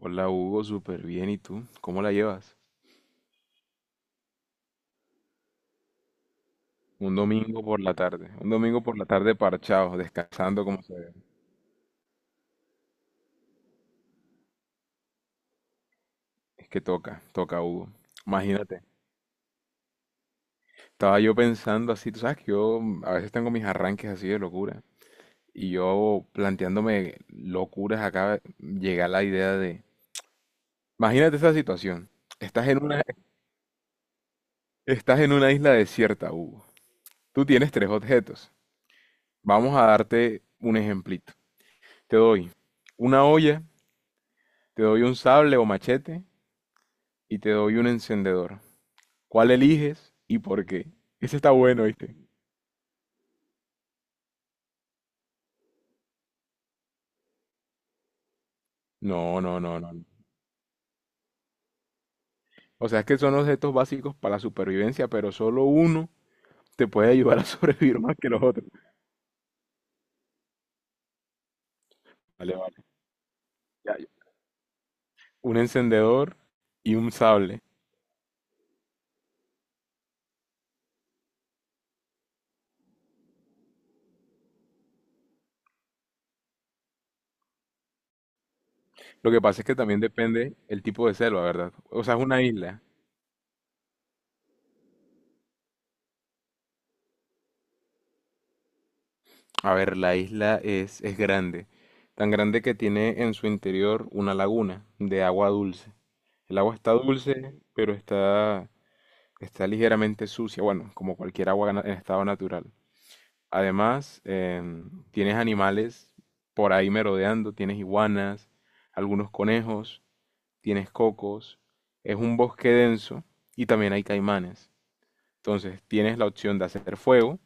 Hola Hugo, súper bien. ¿Y tú? ¿Cómo la llevas? Un domingo por la tarde. Un domingo por la tarde parchado, descansando como se ve. Es que toca, toca Hugo. Imagínate. Estaba yo pensando así, tú sabes que yo a veces tengo mis arranques así de locura. Y yo planteándome locuras acá, llega la idea de... Imagínate esa situación. Estás en una, estás en una isla desierta, Hugo. Tú tienes tres objetos. Vamos a darte un ejemplito. Te doy una olla, te doy un sable o machete y te doy un encendedor. ¿Cuál eliges y por qué? Ese está bueno, ¿viste? No, no, no, no, no. O sea, es que son objetos básicos para la supervivencia, pero solo uno te puede ayudar a sobrevivir más que los otros. Vale, vale. Ya, ya. Un encendedor y un sable. Lo que pasa es que también depende el tipo de selva, ¿verdad? O sea, es una isla. A ver, la isla es grande, tan grande que tiene en su interior una laguna de agua dulce. El agua está dulce, pero está está ligeramente sucia, bueno, como cualquier agua en estado natural. Además, tienes animales por ahí merodeando, tienes iguanas, algunos conejos, tienes cocos. Es un bosque denso y también hay caimanes. Entonces, tienes la opción de hacer fuego,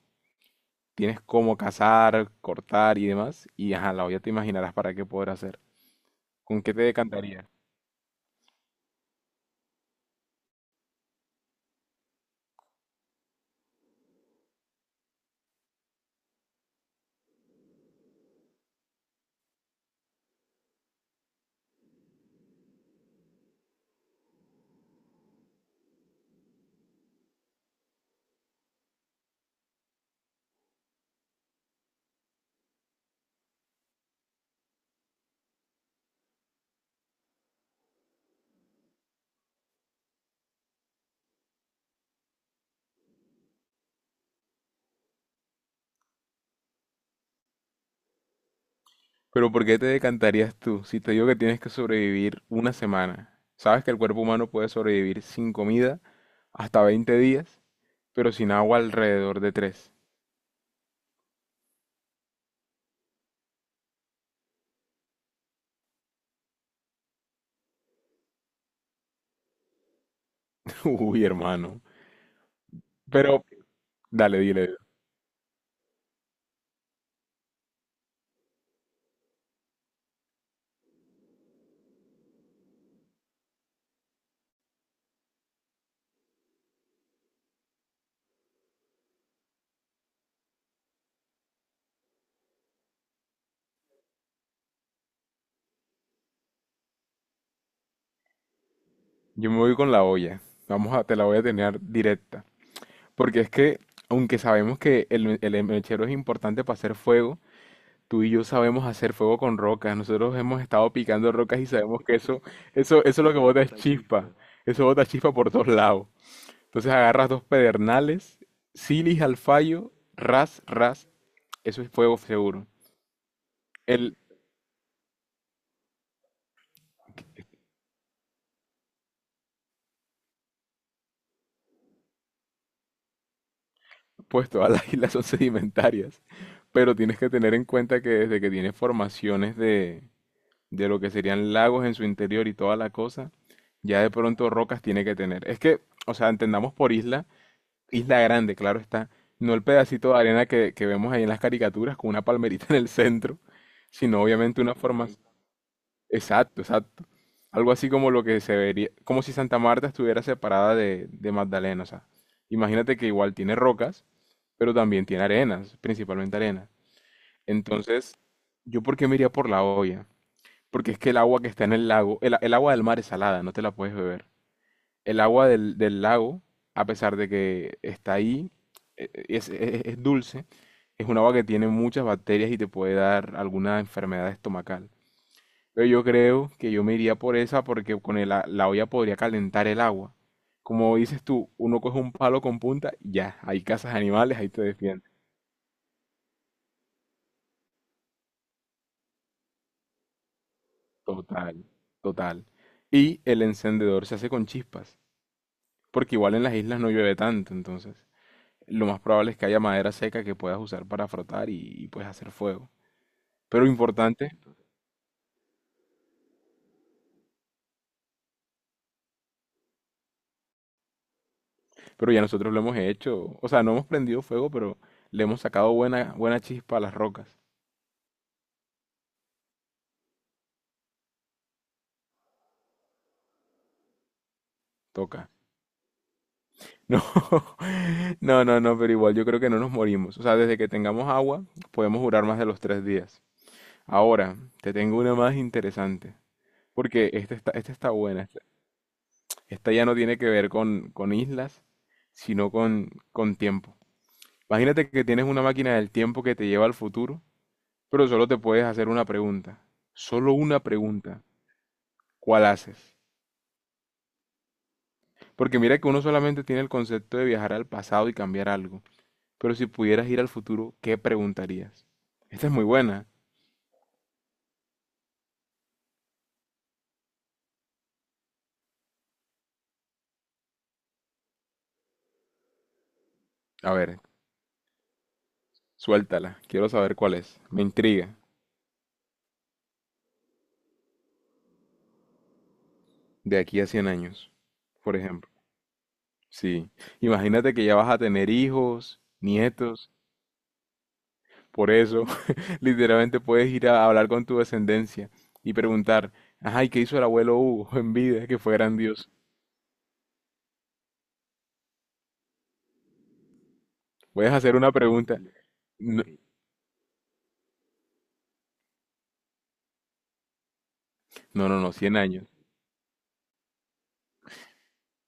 tienes cómo cazar, cortar y demás. Y ajá, la olla te imaginarás para qué poder hacer. ¿Con qué te decantarías? Pero ¿por qué te decantarías tú si te digo que tienes que sobrevivir una semana? Sabes que el cuerpo humano puede sobrevivir sin comida hasta 20 días, pero sin agua alrededor de 3. Uy, hermano. Pero, dale, dile. Yo me voy con la olla. Vamos a, te la voy a tener directa. Porque es que, aunque sabemos que el mechero es importante para hacer fuego, tú y yo sabemos hacer fuego con rocas. Nosotros hemos estado picando rocas y sabemos que eso lo que bota es chispa. Chispa. Eso bota chispa por todos lados. Entonces agarras dos pedernales, silis al fallo, ras, ras. Eso es fuego seguro. Pues todas las islas son sedimentarias, pero tienes que tener en cuenta que desde que tiene formaciones de lo que serían lagos en su interior y toda la cosa, ya de pronto rocas tiene que tener. Es que, o sea, entendamos por isla, isla grande, claro está, no el pedacito de arena que vemos ahí en las caricaturas con una palmerita en el centro, sino obviamente una forma... Exacto, exacto. Algo así como lo que se vería, como si Santa Marta estuviera separada de Magdalena, o sea, imagínate que igual tiene rocas, pero también tiene arenas, principalmente arenas. Entonces, ¿yo por qué me iría por la olla? Porque es que el agua que está en el lago, el agua del mar es salada, no te la puedes beber. El agua del lago, a pesar de que está ahí, es dulce, es un agua que tiene muchas bacterias y te puede dar alguna enfermedad estomacal. Pero yo creo que yo me iría por esa porque con la olla podría calentar el agua. Como dices tú, uno coge un palo con punta, y ya, hay cazas animales, ahí te defiendes. Total, total. Y el encendedor se hace con chispas, porque igual en las islas no llueve tanto, entonces lo más probable es que haya madera seca que puedas usar para frotar y puedes hacer fuego. Pero importante, pero ya nosotros lo hemos hecho, o sea, no hemos prendido fuego, pero le hemos sacado buena, buena chispa a las rocas. Toca. No, no, no, no, pero igual yo creo que no nos morimos. O sea, desde que tengamos agua, podemos durar más de los tres días. Ahora, te tengo una más interesante, porque esta está buena. Esta ya no tiene que ver con islas, sino con tiempo. Imagínate que tienes una máquina del tiempo que te lleva al futuro, pero solo te puedes hacer una pregunta. Solo una pregunta. ¿Cuál haces? Porque mira que uno solamente tiene el concepto de viajar al pasado y cambiar algo. Pero si pudieras ir al futuro, ¿qué preguntarías? Esta es muy buena. A ver, suéltala. Quiero saber cuál es. Me intriga. De aquí a 100 años, por ejemplo. Sí. Imagínate que ya vas a tener hijos, nietos. Por eso, literalmente puedes ir a hablar con tu descendencia y preguntar, ay, ¿qué hizo el abuelo Hugo en vida? Que fue grandioso. Puedes hacer una pregunta. No, no, no, no, 100 años.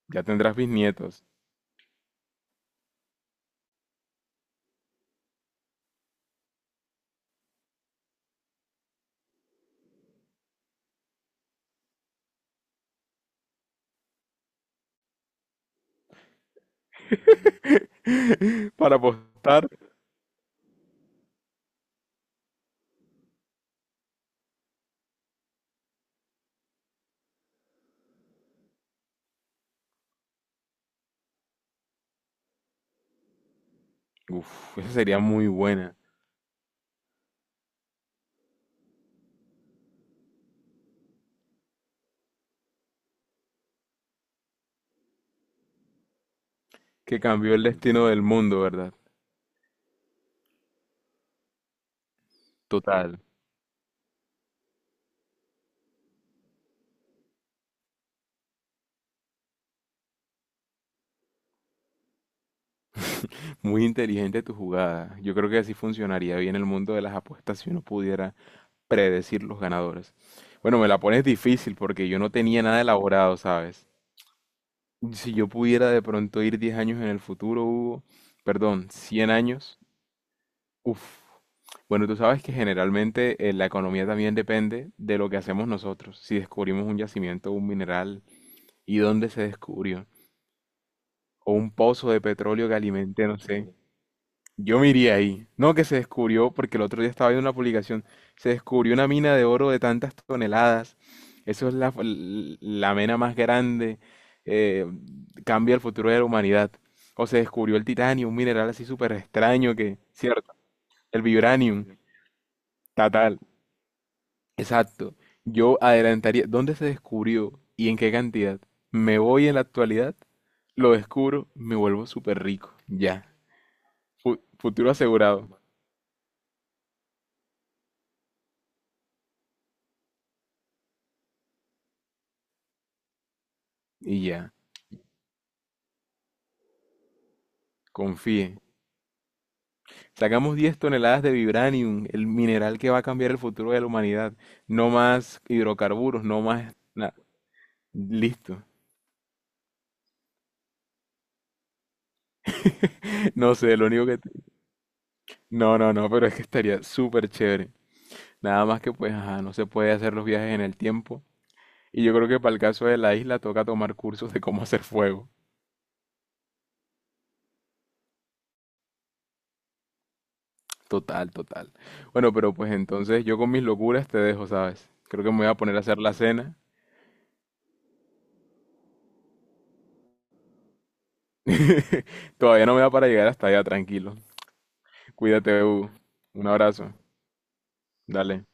Ya tendrás bisnietos. Para apostar. Uf, esa sería muy buena. ¿Que cambió el destino del mundo, verdad? Total. Muy inteligente tu jugada. Yo creo que así funcionaría bien el mundo de las apuestas si uno pudiera predecir los ganadores. Bueno, me la pones difícil porque yo no tenía nada elaborado, ¿sabes? Si yo pudiera de pronto ir 10 años en el futuro, Hugo, perdón, 100 años, uff. Bueno, tú sabes que generalmente la economía también depende de lo que hacemos nosotros. Si descubrimos un yacimiento, un mineral y dónde se descubrió, o un pozo de petróleo que alimente, no sé, yo me iría ahí. No que se descubrió, porque el otro día estaba viendo una publicación, se descubrió una mina de oro de tantas toneladas. Eso es la mena más grande. eh, Cambia el futuro de la humanidad. O se descubrió el titanio, un mineral así súper extraño que, cierto, el vibranium, total. Exacto. Yo adelantaría, ¿dónde se descubrió y en qué cantidad? Me voy en la actualidad, lo descubro, me vuelvo súper rico. Ya. Futuro asegurado. Y ya. Confíe. Sacamos 10 toneladas de vibranium, el mineral que va a cambiar el futuro de la humanidad. No más hidrocarburos, no más nada. Listo. No sé, lo único que... te- No, no, no, pero es que estaría súper chévere. Nada más que pues, ajá, no se puede hacer los viajes en el tiempo. Y yo creo que para el caso de la isla toca tomar cursos de cómo hacer fuego. Total, total. Bueno, pero pues entonces yo con mis locuras te dejo, ¿sabes? Creo que me voy a poner a hacer la cena. Todavía no me da para llegar hasta allá, tranquilo. Cuídate, Hugo. Un abrazo. Dale